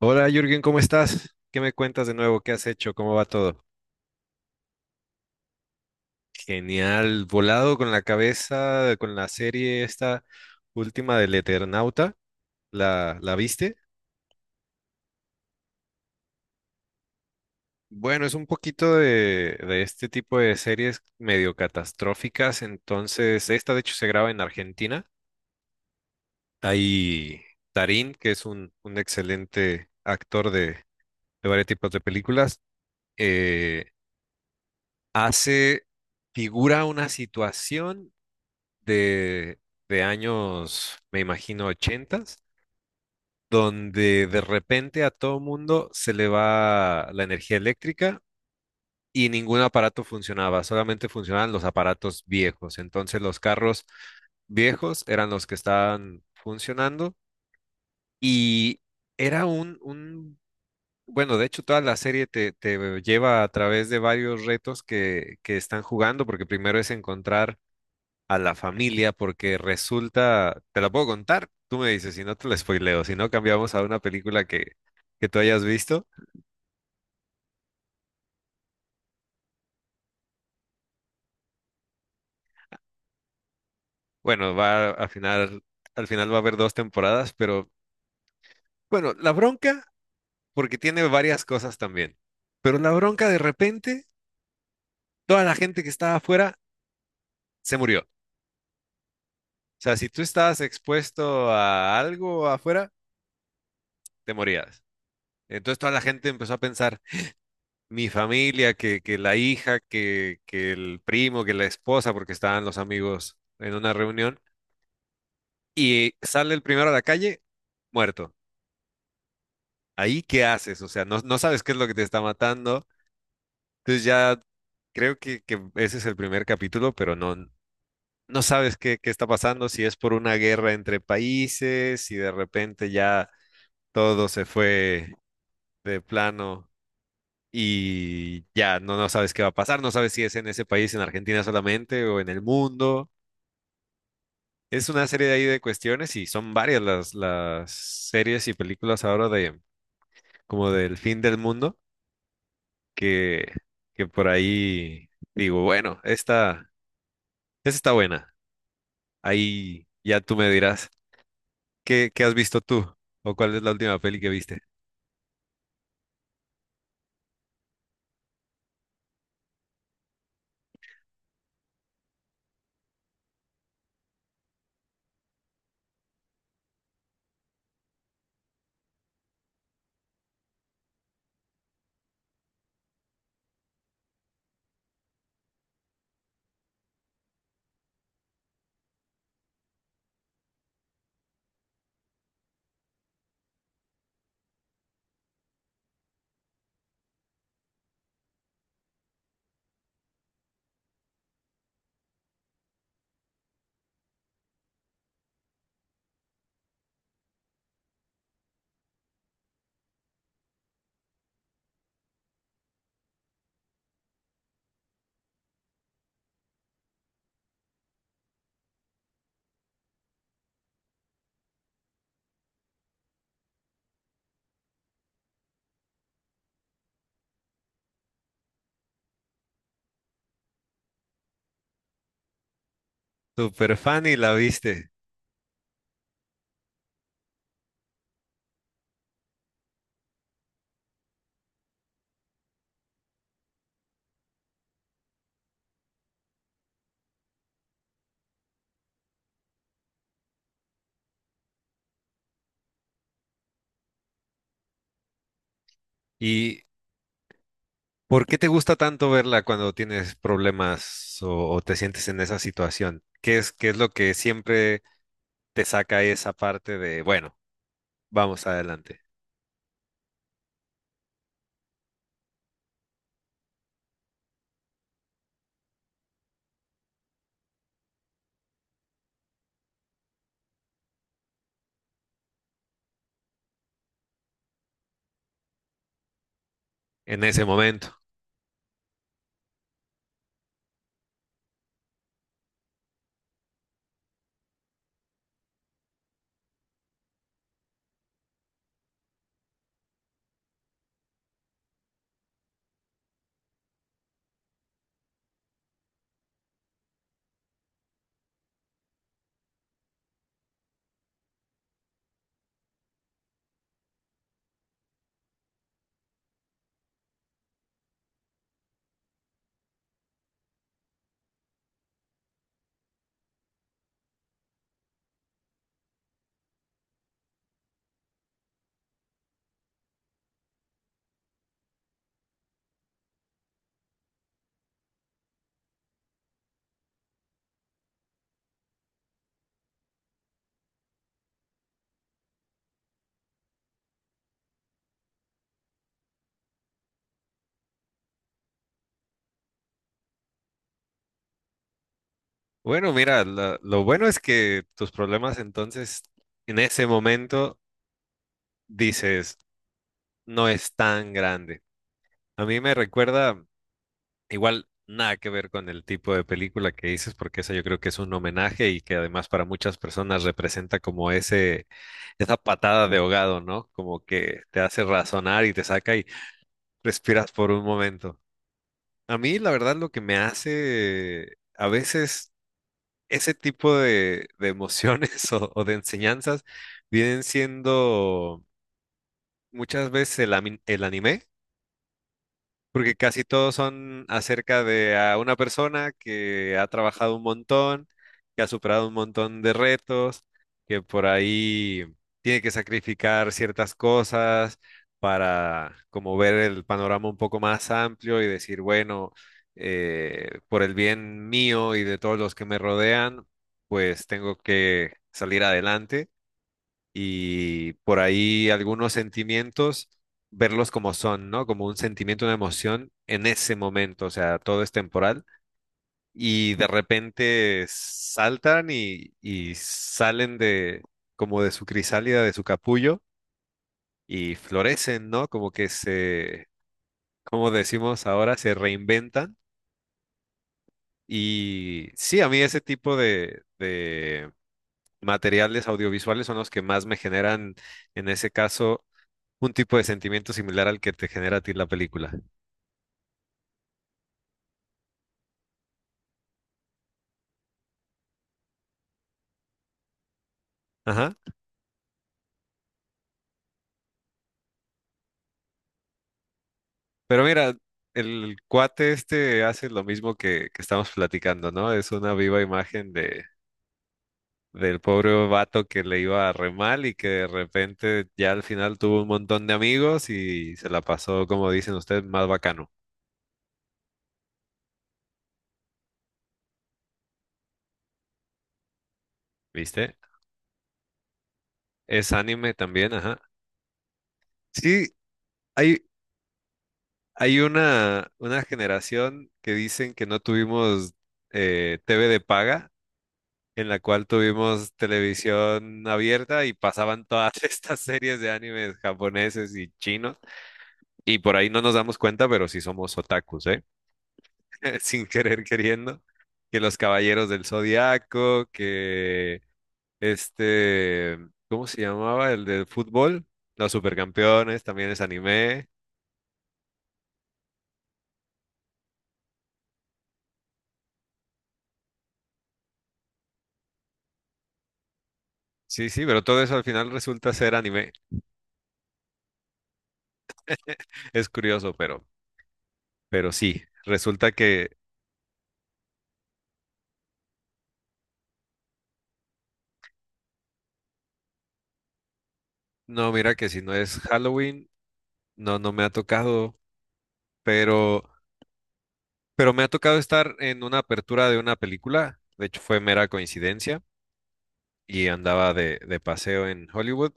Hola Jürgen, ¿cómo estás? ¿Qué me cuentas de nuevo? ¿Qué has hecho? ¿Cómo va todo? Genial, volado con la cabeza, con la serie esta última del Eternauta, ¿la viste? Bueno, es un poquito de este tipo de series medio catastróficas, entonces esta de hecho se graba en Argentina. Hay Tarín, que es un excelente actor de varios tipos de películas, eh, hace, figura una situación de, de años, me imagino, ochentas, donde de repente a todo mundo se le va la energía eléctrica y ningún aparato funcionaba, solamente funcionaban los aparatos viejos. Entonces los carros viejos eran los que estaban funcionando y era un bueno, de hecho toda la serie te lleva a través de varios retos que están jugando, porque primero es encontrar a la familia porque resulta, te la puedo contar, tú me dices, si no te la spoileo, si no cambiamos a una película que tú hayas visto. Bueno, va a final, al final va a haber dos temporadas, pero bueno, la bronca, porque tiene varias cosas también, pero la bronca de repente, toda la gente que estaba afuera se murió. O sea, si tú estabas expuesto a algo afuera, te morías. Entonces toda la gente empezó a pensar, mi familia, que la hija, que el primo, que la esposa, porque estaban los amigos en una reunión, y sale el primero a la calle, muerto. Ahí, ¿qué haces? O sea, no, no sabes qué es lo que te está matando. Entonces ya creo que ese es el primer capítulo, pero no, no sabes qué, qué está pasando, si es por una guerra entre países, si de repente ya todo se fue de plano y ya no, no sabes qué va a pasar, no sabes si es en ese país, en Argentina solamente o en el mundo. Es una serie de ahí de cuestiones y son varias las series y películas ahora de como del fin del mundo que, que por ahí digo, bueno, esta está buena. Ahí ya tú me dirás, ¿qué, qué has visto tú? ¿O cuál es la última peli que viste? Super fan y la viste. ¿Y por qué te gusta tanto verla cuando tienes problemas o te sientes en esa situación? Qué es lo que siempre te saca esa parte de, bueno, vamos adelante? En ese momento. Bueno, mira, lo bueno es que tus problemas entonces en ese momento dices, no es tan grande. A mí me recuerda, igual nada que ver con el tipo de película que dices, porque esa yo creo que es un homenaje y que además para muchas personas representa como ese, esa patada de ahogado, ¿no? Como que te hace razonar y te saca y respiras por un momento. A mí, la verdad, lo que me hace a veces ese tipo de emociones o de enseñanzas vienen siendo muchas veces el anime. Porque casi todos son acerca de a una persona que ha trabajado un montón, que ha superado un montón de retos, que por ahí tiene que sacrificar ciertas cosas para como ver el panorama un poco más amplio y decir, bueno, por el bien mío y de todos los que me rodean, pues tengo que salir adelante y por ahí algunos sentimientos, verlos como son, ¿no? Como un sentimiento, una emoción en ese momento, o sea, todo es temporal y de repente saltan y salen de como de su crisálida, de su capullo y florecen, ¿no? Como que se, como decimos ahora, se reinventan. Y sí, a mí ese tipo de materiales audiovisuales son los que más me generan, en ese caso, un tipo de sentimiento similar al que te genera a ti la película. Ajá. Pero mira, el cuate este hace lo mismo que estamos platicando, ¿no? Es una viva imagen de, del pobre vato que le iba re mal y que de repente ya al final tuvo un montón de amigos y se la pasó, como dicen ustedes, más bacano, ¿viste? Es anime también, ajá. Sí, hay, hay una generación que dicen que no tuvimos TV de paga en la cual tuvimos televisión abierta y pasaban todas estas series de animes japoneses y chinos. Y por ahí no nos damos cuenta, pero sí somos otakus, ¿eh? Sin querer queriendo. Que los Caballeros del Zodiaco, que este, ¿cómo se llamaba? El del fútbol, los Supercampeones, también es anime. Sí, sí, pero todo eso al final resulta ser anime. Es curioso, pero sí, resulta que, no, mira que si no es Halloween, no, no me ha tocado pero, pero me ha tocado estar en una apertura de una película, de hecho fue mera coincidencia, y andaba de paseo en Hollywood,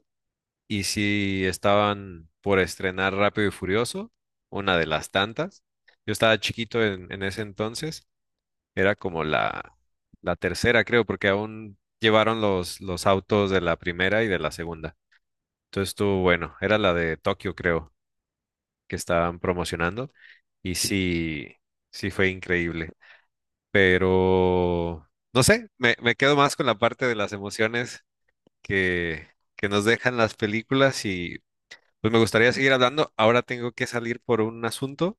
y sí estaban por estrenar Rápido y Furioso, una de las tantas. Yo estaba chiquito en ese entonces, era como la tercera, creo, porque aún llevaron los autos de la primera y de la segunda. Entonces estuvo bueno, era la de Tokio, creo, que estaban promocionando, y sí, sí fue increíble. Pero no sé, me quedo más con la parte de las emociones que, que nos dejan las películas y pues me gustaría seguir hablando. Ahora tengo que salir por un asunto,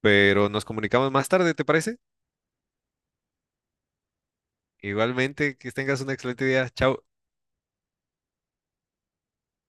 pero nos comunicamos más tarde, ¿te parece? Igualmente, que tengas un excelente día. Chao.